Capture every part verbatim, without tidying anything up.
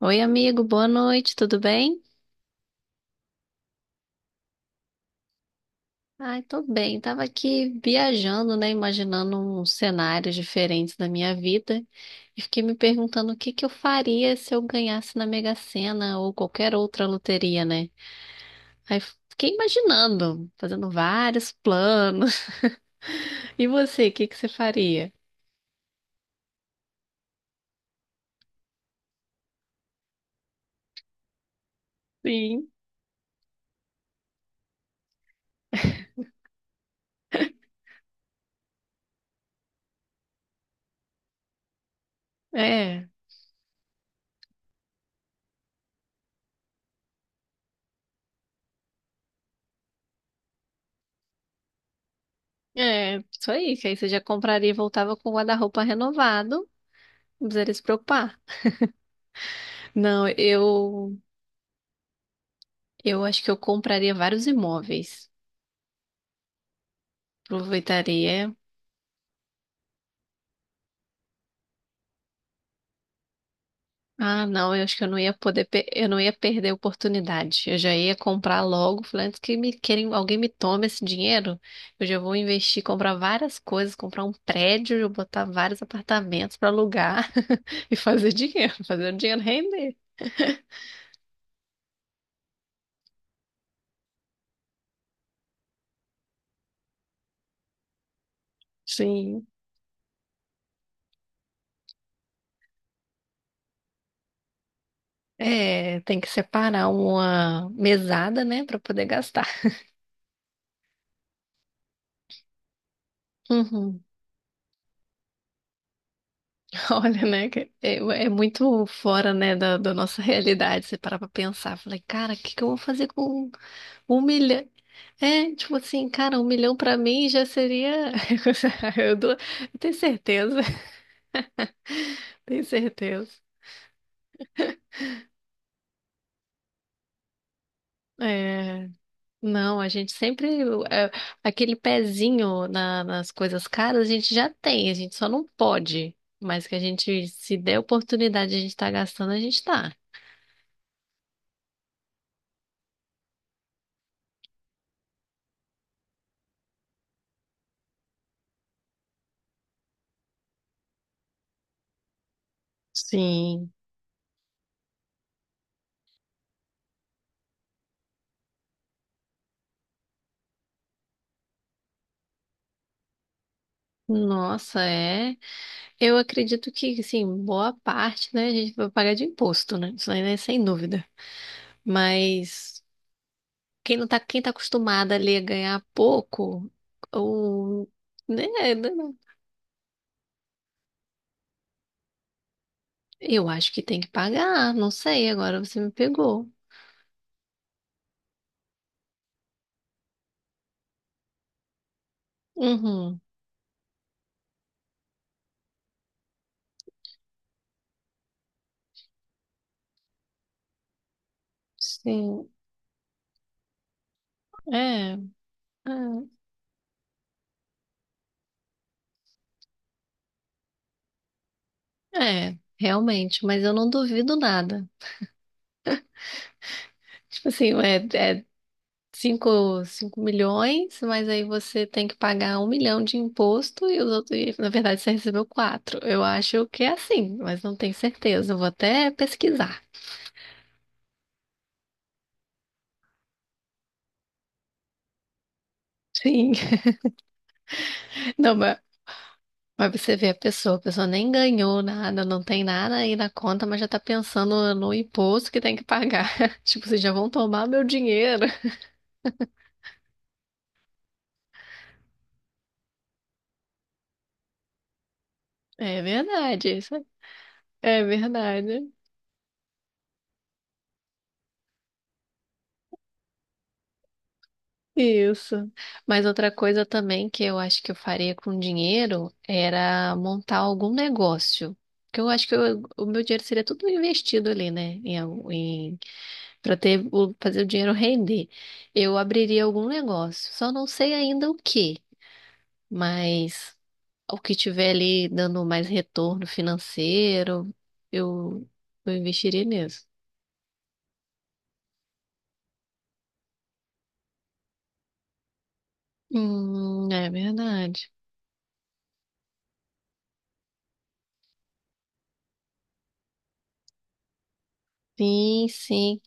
Oi, amigo, boa noite, tudo bem? Ai, tô bem. Tava aqui viajando, né? Imaginando uns cenários diferentes da minha vida e fiquei me perguntando o que que eu faria se eu ganhasse na Mega Sena ou qualquer outra loteria, né? Aí fiquei imaginando, fazendo vários planos. E você, o que que você faria? Sim. É, é, isso aí, que aí você já compraria e voltava com o guarda-roupa renovado, não precisaria se preocupar. Não, eu Eu acho que eu compraria vários imóveis. Aproveitaria. Ah, não, eu acho que eu não ia poder, pe- eu não ia perder a oportunidade. Eu já ia comprar logo, falei, antes que me querem, alguém me tome esse dinheiro, eu já vou investir, comprar várias coisas, comprar um prédio, eu botar vários apartamentos para alugar e fazer dinheiro, fazer o dinheiro render. Sim. É, tem que separar uma mesada, né, para poder gastar. Uhum. Olha, né? que É, é muito fora, né, da, da nossa realidade. Você parar pra pensar. Falei, cara, o que que eu vou fazer com um milhão? É, tipo assim, cara, um milhão pra mim já seria. Eu, dou... eu tenho certeza, tenho certeza. É, não, a gente sempre. É, aquele pezinho na- nas coisas caras a gente já tem, a gente só não pode. Mas que a gente, se der oportunidade, a gente tá gastando, a gente tá. Sim. Nossa, é. Eu acredito que, assim, boa parte, né, a gente vai pagar de imposto, né? Isso aí, né, sem dúvida. Mas quem não tá, quem tá acostumada ali a ganhar pouco, ou, né, né, né, eu acho que tem que pagar, não sei, agora você me pegou. Uhum, sim, é, é, é, realmente, mas eu não duvido nada. Tipo assim, é, é cinco cinco milhões, mas aí você tem que pagar um milhão de imposto e os outros, e, na verdade, você recebeu quatro. Eu acho que é assim, mas não tenho certeza. Eu vou até pesquisar. Sim. Não, mas, mas você vê a pessoa, a pessoa nem ganhou nada, não tem nada aí na conta, mas já tá pensando no imposto que tem que pagar. Tipo, vocês já vão tomar meu dinheiro. É verdade, isso é é verdade. Isso. Mas outra coisa também que eu acho que eu faria com dinheiro era montar algum negócio. Porque eu acho que eu- o meu dinheiro seria tudo investido ali, né? Em, al- em, para ter, o- fazer o dinheiro render. Eu abriria algum negócio. Só não sei ainda o que, mas o que tiver ali dando mais retorno financeiro, eu, eu investiria nisso. Hum, é verdade. Sim, sim,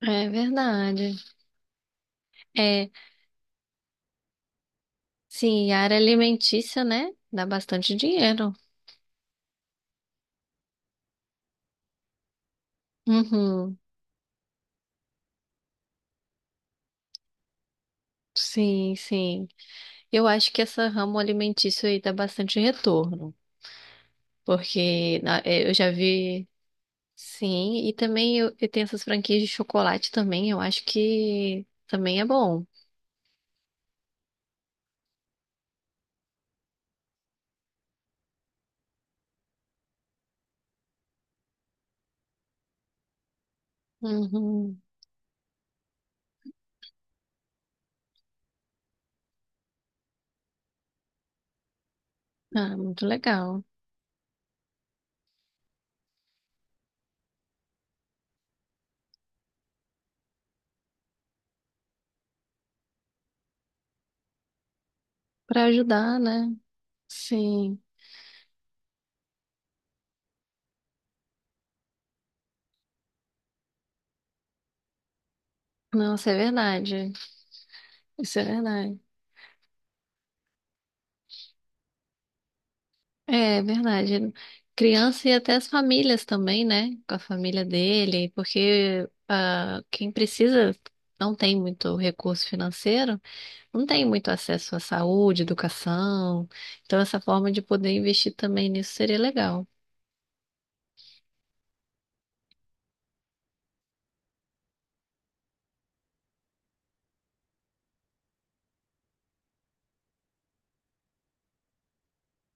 é verdade. É, Sim, a área alimentícia, né? Dá bastante dinheiro. Uhum. Sim, sim. Eu acho que essa ramo alimentício aí dá bastante retorno, porque na- eh, eu já vi, sim, e também eu, e tem essas franquias de chocolate também, eu acho que também é bom. Uhum. Ah, muito legal. Para ajudar, né? Sim. Nossa, é verdade. Isso é verdade. É verdade. Criança e até as famílias também, né? Com a família dele, porque ah, quem precisa não tem muito recurso financeiro, não tem muito acesso à saúde, educação. Então, essa forma de poder investir também nisso seria legal.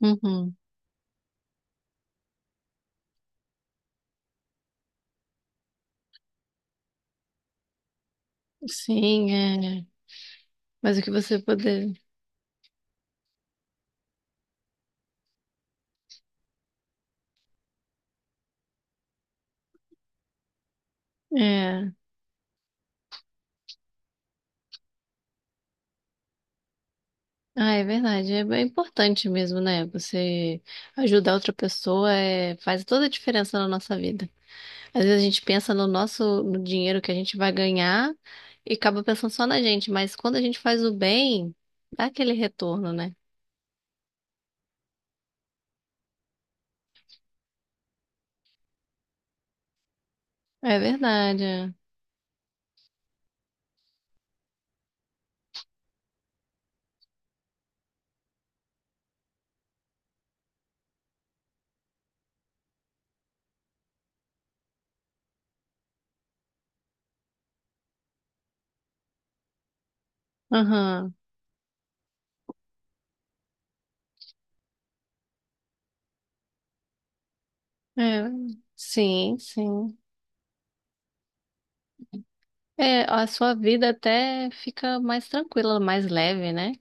Uhum. Sim, é. Mas o que você poder. É. Ah, é verdade. É bem importante mesmo, né? Você ajudar outra pessoa é... faz toda a diferença na nossa vida. Às vezes a gente pensa no nosso, no dinheiro que a gente vai ganhar e acaba pensando só na gente, mas quando a gente faz o bem, dá aquele retorno, né? É verdade, é. Aham. É. Sim, sim. É, a sua vida até fica mais tranquila, mais leve, né?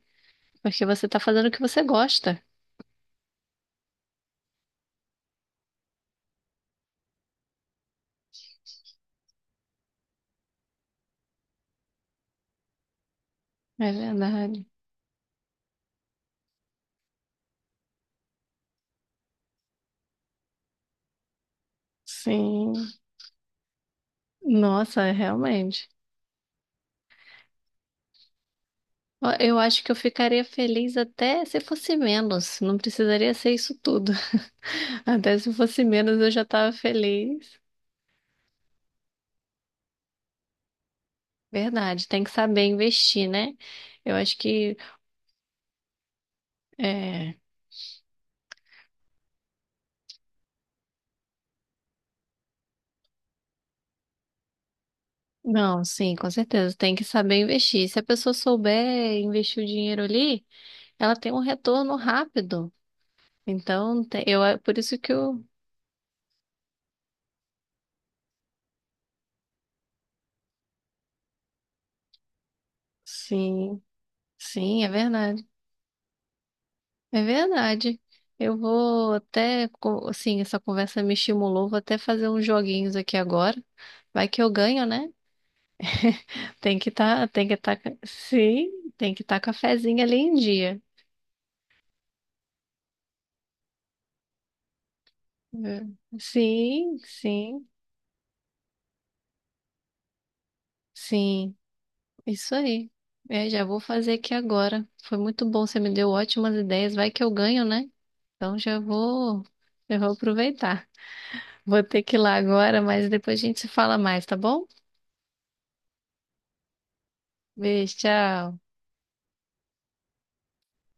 Porque você tá fazendo o que você gosta. É verdade. Sim. Nossa, é realmente. Ó, eu acho que eu ficaria feliz até se fosse menos. Não precisaria ser isso tudo. Até se fosse menos, eu já estava feliz. Verdade, tem que saber investir, né? Eu acho que é... Não, sim, com certeza, tem que saber investir. Se a pessoa souber investir o dinheiro ali, ela tem um retorno rápido. Então, te- eu é por isso que eu Sim, sim, é verdade. É verdade. Eu vou até, co- assim, essa conversa me estimulou, vou até fazer uns joguinhos aqui agora. Vai que eu ganho, né? Tem que tá, tem que tá, sim, tem que tá cafezinho ali em dia. É. Sim, sim, sim, isso aí. É, já vou fazer aqui agora. Foi muito bom, você me deu ótimas ideias. Vai que eu ganho, né? Então já vou, já vou aproveitar. Vou ter que ir lá agora, mas depois a gente se fala mais, tá bom? Beijo, tchau.